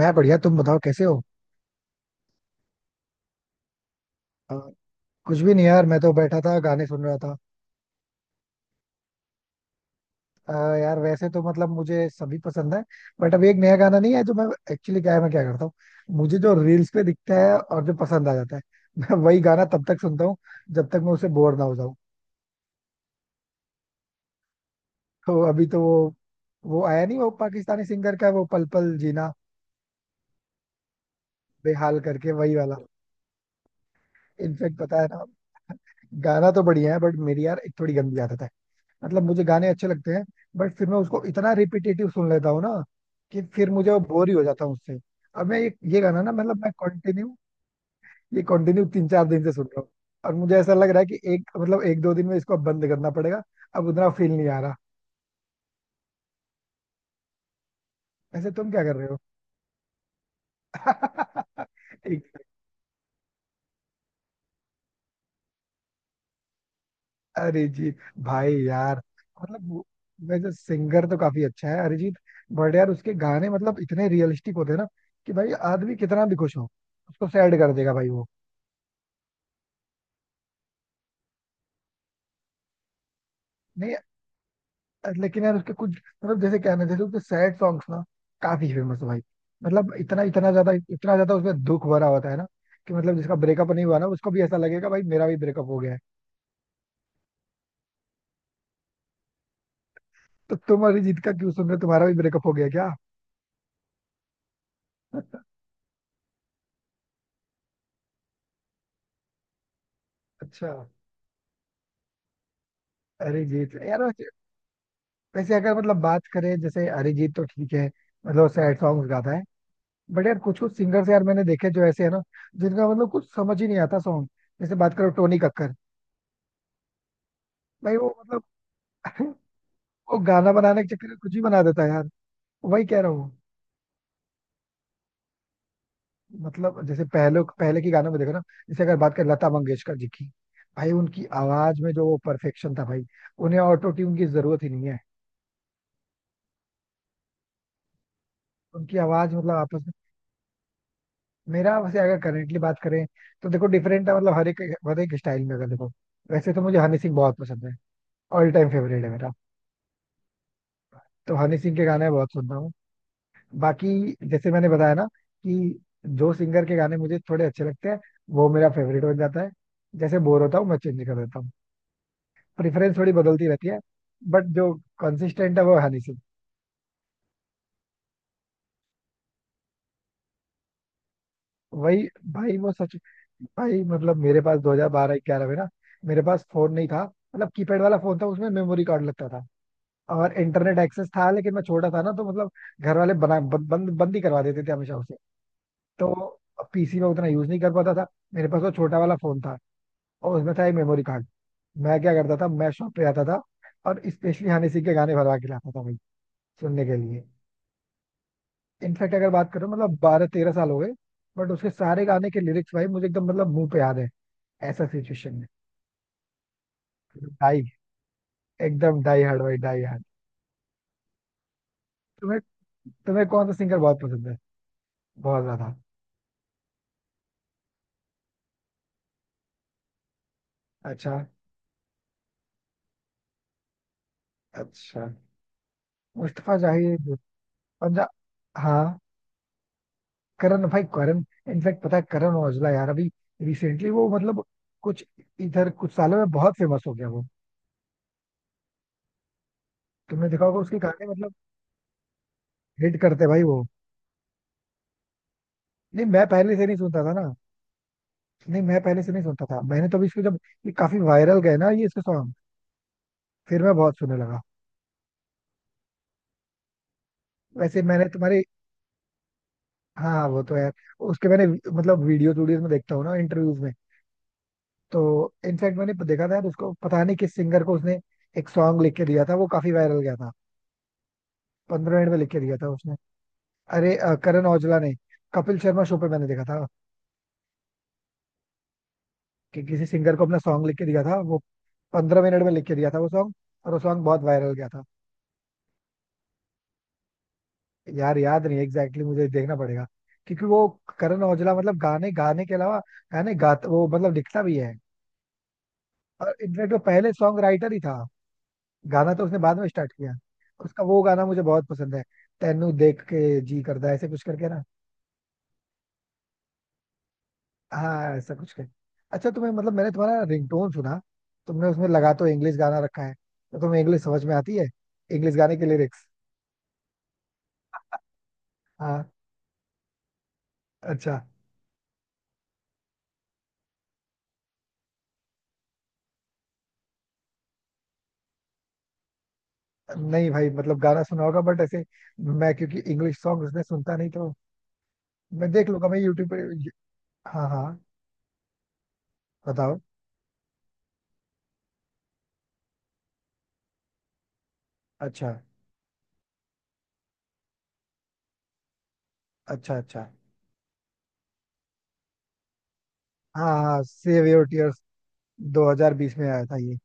मैं बढ़िया। तुम बताओ कैसे हो। अ, कुछ भी नहीं यार, मैं तो बैठा था गाने सुन रहा था। यार वैसे तो मतलब मुझे सभी पसंद है। बट अभी एक नया गाना नहीं है जो मैं एक्चुअली क्या है, मैं क्या करता हूँ। मुझे जो रील्स पे दिखता है और जो पसंद आ जाता है मैं वही गाना तब तक सुनता हूँ जब तक मैं उससे बोर ना हो जाऊँ। तो अभी तो वो आया नहीं, वो पाकिस्तानी सिंगर का वो पल पल जीना बेहाल करके, वही वाला। इनफेक्ट पता है ना, गाना तो बढ़िया है बट मेरी यार एक थोड़ी गंदी आदत है। मतलब मुझे गाने अच्छे लगते हैं बट फिर मैं उसको इतना रिपीटेटिव सुन लेता हूँ ना कि फिर मुझे वो बोर ही हो जाता हूँ उससे। अब मैं ये गाना ना मतलब मैं कंटिन्यू ये कंटिन्यू 3 4 दिन से सुन रहा हूँ। और मुझे ऐसा लग रहा है कि एक मतलब एक दो दिन में इसको अब बंद करना पड़ेगा। अब उतना फील नहीं आ रहा। ऐसे तुम क्या कर रहे हो। एक- अरिजीत, भाई यार। मतलब वो- वैसे सिंगर तो काफी अच्छा है अरिजीत। बट यार उसके गाने मतलब इतने रियलिस्टिक होते हैं ना कि भाई आदमी कितना भी खुश हो, उसको सैड कर देगा भाई वो। नहीं, लेकिन यार उसके कुछ मतलब जैसे क्या है ना, जैसे उसके सैड सॉन्ग्स ना काफी फेमस है भाई। मतलब इतना इतना ज्यादा उसमें दुख भरा होता है ना कि मतलब जिसका ब्रेकअप नहीं हुआ ना उसको भी ऐसा लगेगा भाई मेरा भी ब्रेकअप हो गया है। तो तुम अरिजीत का क्यों सुन रहे हो, तुम्हारा भी ब्रेकअप हो गया क्या? अच्छा। अरिजीत यार वैसे वैसे अगर मतलब बात करें जैसे अरिजीत तो ठीक है। मतलब सैड सॉन्ग गाता है। बट यार कुछ कुछ सिंगर्स यार मैंने देखे जो ऐसे है ना, जिनका मतलब कुछ समझ ही नहीं आता सॉन्ग। जैसे बात करो टोनी कक्कर, भाई वो मतलब वो गाना बनाने के चक्कर में कुछ भी बना देता है यार। वही कह रहा हूँ। मतलब जैसे पहले पहले के गानों में देखो ना, जैसे अगर बात करें लता मंगेशकर जी की, भाई उनकी आवाज में जो वो परफेक्शन था भाई, उन्हें ऑटो ट्यून की जरूरत ही नहीं है। उनकी आवाज मतलब आपस में मेरा वैसे अगर करेंटली बात करें तो देखो डिफरेंट है मतलब हर एक स्टाइल में अगर देखो, वैसे तो मुझे हनी सिंह बहुत पसंद है। ऑल टाइम फेवरेट है मेरा। तो हनी सिंह के गाने बहुत सुनता हूँ। बाकी जैसे मैंने बताया ना कि जो सिंगर के गाने मुझे थोड़े अच्छे लगते हैं वो मेरा फेवरेट बन जाता है। जैसे बोर होता हूँ मैं चेंज कर देता हूँ। प्रेफरेंस थोड़ी बदलती रहती है। बट जो कंसिस्टेंट है वो हनी सिंह। वही भाई वो सच। भाई मतलब मेरे पास 2012 11 में ना मेरे पास फोन नहीं था। मतलब कीपैड वाला फोन था, उसमें मेमोरी कार्ड लगता था और इंटरनेट एक्सेस था, लेकिन मैं छोटा था ना तो मतलब घर वाले बना बंद बंद बंद ही करवा देते थे हमेशा उसे। तो पीसी में उतना यूज नहीं कर पाता था। मेरे पास वो छोटा वाला फोन था और उसमें था एक मेमोरी कार्ड। मैं क्या करता था, मैं शॉप पे आता था और स्पेशली हनी सिंह के गाने भरवा के लाता था भाई सुनने के लिए। इनफैक्ट अगर बात करो मतलब 12 13 साल हो गए बट उसके सारे गाने के लिरिक्स भाई मुझे एकदम मतलब मुंह पे याद है ऐसा सिचुएशन में। डाई एकदम डाई हार्ड भाई, डाई हार्ड। तुम्हें तुम्हें कौन सा सिंगर बहुत पसंद है, बहुत ज्यादा? अच्छा अच्छा। मुस्तफा जाहिर, पंजाब। हाँ, करण भाई करण। इनफैक्ट पता है करण औजला यार अभी रिसेंटली वो मतलब कुछ इधर कुछ सालों में बहुत फेमस हो गया वो। तुमने देखा होगा उसके गाने मतलब हिट करते भाई वो। नहीं मैं पहले से नहीं सुनता था ना। नहीं मैं पहले से नहीं सुनता था, मैंने तो अभी इसको जब ये काफी वायरल गए ना ये इसके सॉन्ग, फिर मैं बहुत सुनने लगा। वैसे मैंने तुम्हारे हाँ, वो तो है। उसके मैंने मतलब वीडियोस वीडियोस में देखता हूँ ना इंटरव्यूज में, तो इनफैक्ट मैंने देखा था यार उसको पता नहीं किस सिंगर को उसने एक सॉन्ग लिख के दिया था वो काफी वायरल गया था। 15 मिनट में लिख के दिया था उसने। अरे करण औजला ने कपिल शर्मा शो पे मैंने देखा था कि किसी सिंगर को अपना सॉन्ग लिख के दिया था वो। 15 मिनट में लिख के दिया था वो सॉन्ग, और वो सॉन्ग बहुत वायरल गया था। यार याद नहीं एग्जैक्टली exactly मुझे देखना पड़ेगा, क्योंकि वो करण औजला मतलब गाने गाने के अलावा, गाने गाता वो मतलब लिखता भी है। और इनफैक्ट वो पहले सॉन्ग राइटर ही था। गाना तो उसने बाद में स्टार्ट किया। उसका वो गाना मुझे बहुत पसंद है, तेनू देख के जी करदा ऐसे कुछ करके ना, हाँ ऐसा कुछ कर। अच्छा, तुम्हें मतलब मैंने तुम्हारा रिंगटोन सुना, तुमने उसमें लगा तो इंग्लिश गाना रखा है, तो तुम्हें इंग्लिश समझ में आती है, इंग्लिश गाने के लिरिक्स? हाँ, अच्छा। नहीं भाई मतलब गाना सुना होगा बट ऐसे, मैं क्योंकि इंग्लिश सॉन्ग उसने सुनता नहीं तो, मैं देख लूंगा मैं यूट्यूब पे। हाँ हाँ, बताओ। अच्छा, अच्छा अच्छा। हाँ हाँ, सेव योर टीयर्स। 2020 में आया था ये।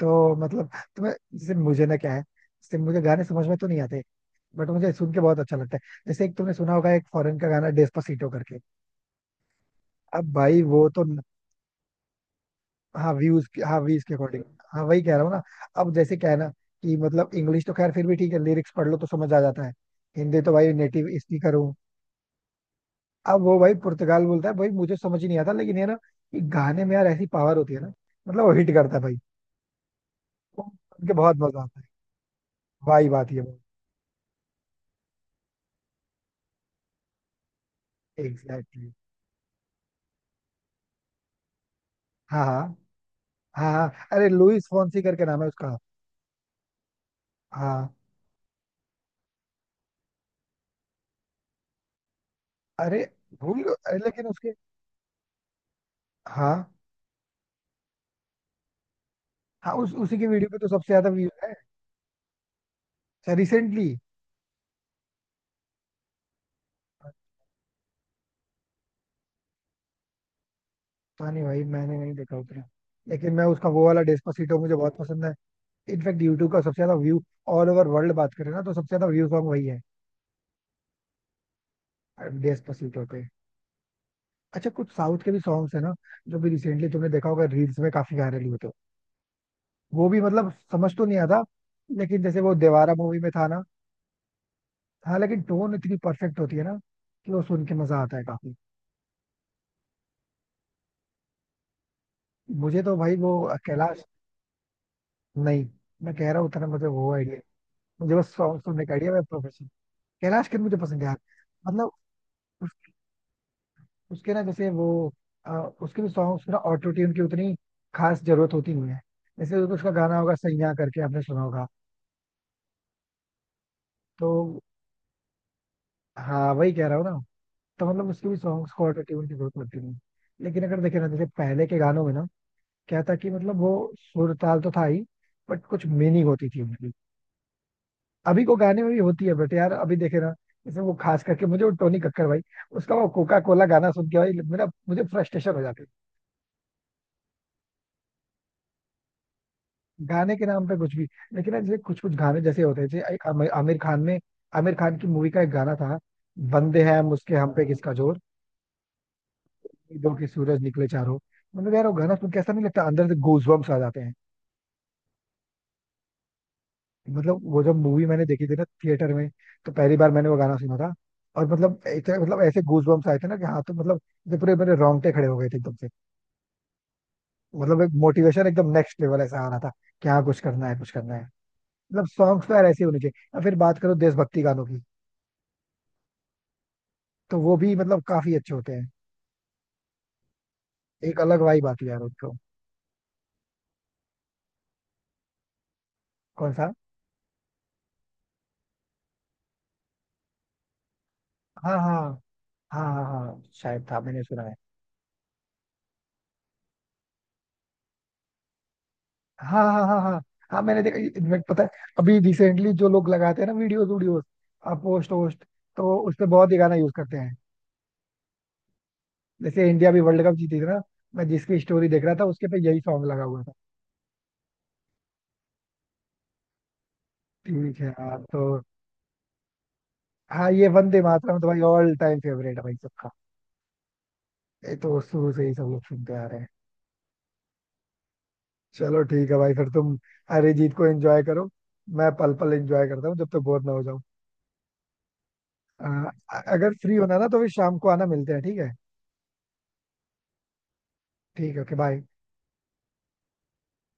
तो मतलब तुम्हें जैसे मुझे ना क्या है, जैसे मुझे गाने समझ में तो नहीं आते बट मुझे सुन के बहुत अच्छा लगता है। जैसे एक तुमने सुना होगा एक फॉरेन का गाना डेस्पासीटो करके। अब भाई वो तो हाँ व्यूज, हाँ व्यूज के अकॉर्डिंग। हाँ वही कह रहा हूँ ना। अब जैसे क्या है ना कि मतलब इंग्लिश तो खैर फिर भी ठीक है लिरिक्स पढ़ लो तो समझ आ जाता है। हिंदी तो भाई नेटिव स्पीकर हूँ। अब वो भाई पुर्तगाल बोलता है भाई मुझे समझ ही नहीं आता, लेकिन ये ना कि गाने में यार ऐसी पावर होती है ना, मतलब वो हिट करता है भाई, वो सुन के बहुत मजा आता है। वाही बात ये भाई, एग्जैक्टली। हाँ हाँ हाँ हाँ। अरे लुइस फोंसी करके नाम है उसका। हाँ। अरे अरे लेकिन उसके हाँ हाँ, उस उसी के वीडियो पे तो सबसे ज्यादा व्यूज है। अच्छा, रिसेंटली? पता नहीं भाई मैंने नहीं देखा उतना, लेकिन मैं उसका वो वाला डेस्पासिटो मुझे बहुत पसंद है। इनफैक्ट यूट्यूब का सबसे ज्यादा व्यू, ऑल ओवर वर्ल्ड बात करें ना तो सबसे ज्यादा व्यू सॉन्ग वही है, डेस्पासिटो पे। अच्छा, कुछ साउथ के भी सॉन्ग्स है ना, जो भी रिसेंटली तुमने देखा होगा रील्स में काफी वायरल हुए थे, वो भी मतलब समझ तो नहीं आता, लेकिन जैसे वो देवारा मूवी में था ना, हाँ लेकिन टोन इतनी परफेक्ट होती है ना कि वो सुन के मजा आता है काफी। मुझे तो भाई वो कैलाश नहीं मैं कह रहा हूँ उतना मुझे वो आइडिया, मुझे बस सॉन्ग सुनने का आइडिया, मैं प्रोफेशन कैलाश खेर मुझे पसंद है यार। मतलब उस, उसके ना जैसे वो अ, उसके भी सॉन्ग्स ना ऑटो ट्यून की उतनी खास जरूरत होती नहीं है। जैसे उसका गाना होगा सैया करके आपने सुना होगा, तो हाँ वही कह रहा हूँ ना। तो मतलब उसके भी सॉन्ग्स को ऑटो ट्यून की जरूरत लगती नहीं। लेकिन अगर देखे ना जैसे पहले के गानों में ना, क्या था कि मतलब वो सुर ताल तो था ही बट कुछ मीनिंग होती थी उनकी। अभी को गाने में भी होती है बट यार अभी देखे ना, जैसे वो खास करके मुझे वो टोनी कक्कर भाई, उसका वो कोका कोला गाना सुन के भाई मेरा मुझे फ्रस्ट्रेशन हो जाती है। गाने के नाम पे कुछ भी। लेकिन ना जैसे कुछ कुछ गाने जैसे होते हैं, जैसे एक आमिर आमिर खान में आमिर खान की मूवी का एक गाना था, बंदे हैं हम उसके हम पे किसका जोर, दो के सूरज निकले चारों। मतलब यार वो गाना सुन के ऐसा नहीं लगता, अंदर से गूजबम्स आ जाते हैं। मतलब वो जब मूवी मैंने देखी थी ना थिएटर में, तो पहली बार मैंने वो गाना सुना था और मतलब ऐसे गूजबम्स आए थे ना कि हाँ तो मतलब जब पूरे मेरे रोंगटे खड़े हो गए थे एकदम से। मतलब एक मोटिवेशन एकदम नेक्स्ट लेवल ऐसा आ रहा था, कि हाँ कुछ करना है कुछ करना है। मतलब सॉन्ग्स तो यार ऐसे ही होने चाहिए, और फिर बात करो देशभक्ति गानों की, तो वो भी मतलब काफी अच्छे होते हैं। एक अलग वाइब आती है यार उनको। कौन सा? हाँ हाँ हाँ हाँ, हाँ शायद था मैंने सुना है। हाँ हाँ हाँ हाँ। हाँ मैंने देखा इनफैक्ट पता है, अभी रिसेंटली जो लोग लगाते हैं ना वीडियोस वीडियोस पोस्ट वोस्ट, तो उस पे बहुत ही गाना यूज करते हैं। जैसे इंडिया भी वर्ल्ड कप जीती थी ना, मैं जिसकी स्टोरी देख रहा था उसके पे यही सॉन्ग लगा हुआ था। ठीक है यार तो हाँ, ये वंदे मातरम तो भाई ऑल टाइम फेवरेट है भाई सबका। ये तो शुरू से ही सब लोग सुनते आ रहे हैं। चलो ठीक है भाई, फिर तुम अरिजीत को एंजॉय करो, मैं पल पल एंजॉय करता हूँ जब तक बोर ना हो जाऊँ। अगर फ्री होना ना तो फिर शाम को आना, मिलते हैं ठीक है। ठीक है, ओके बाय।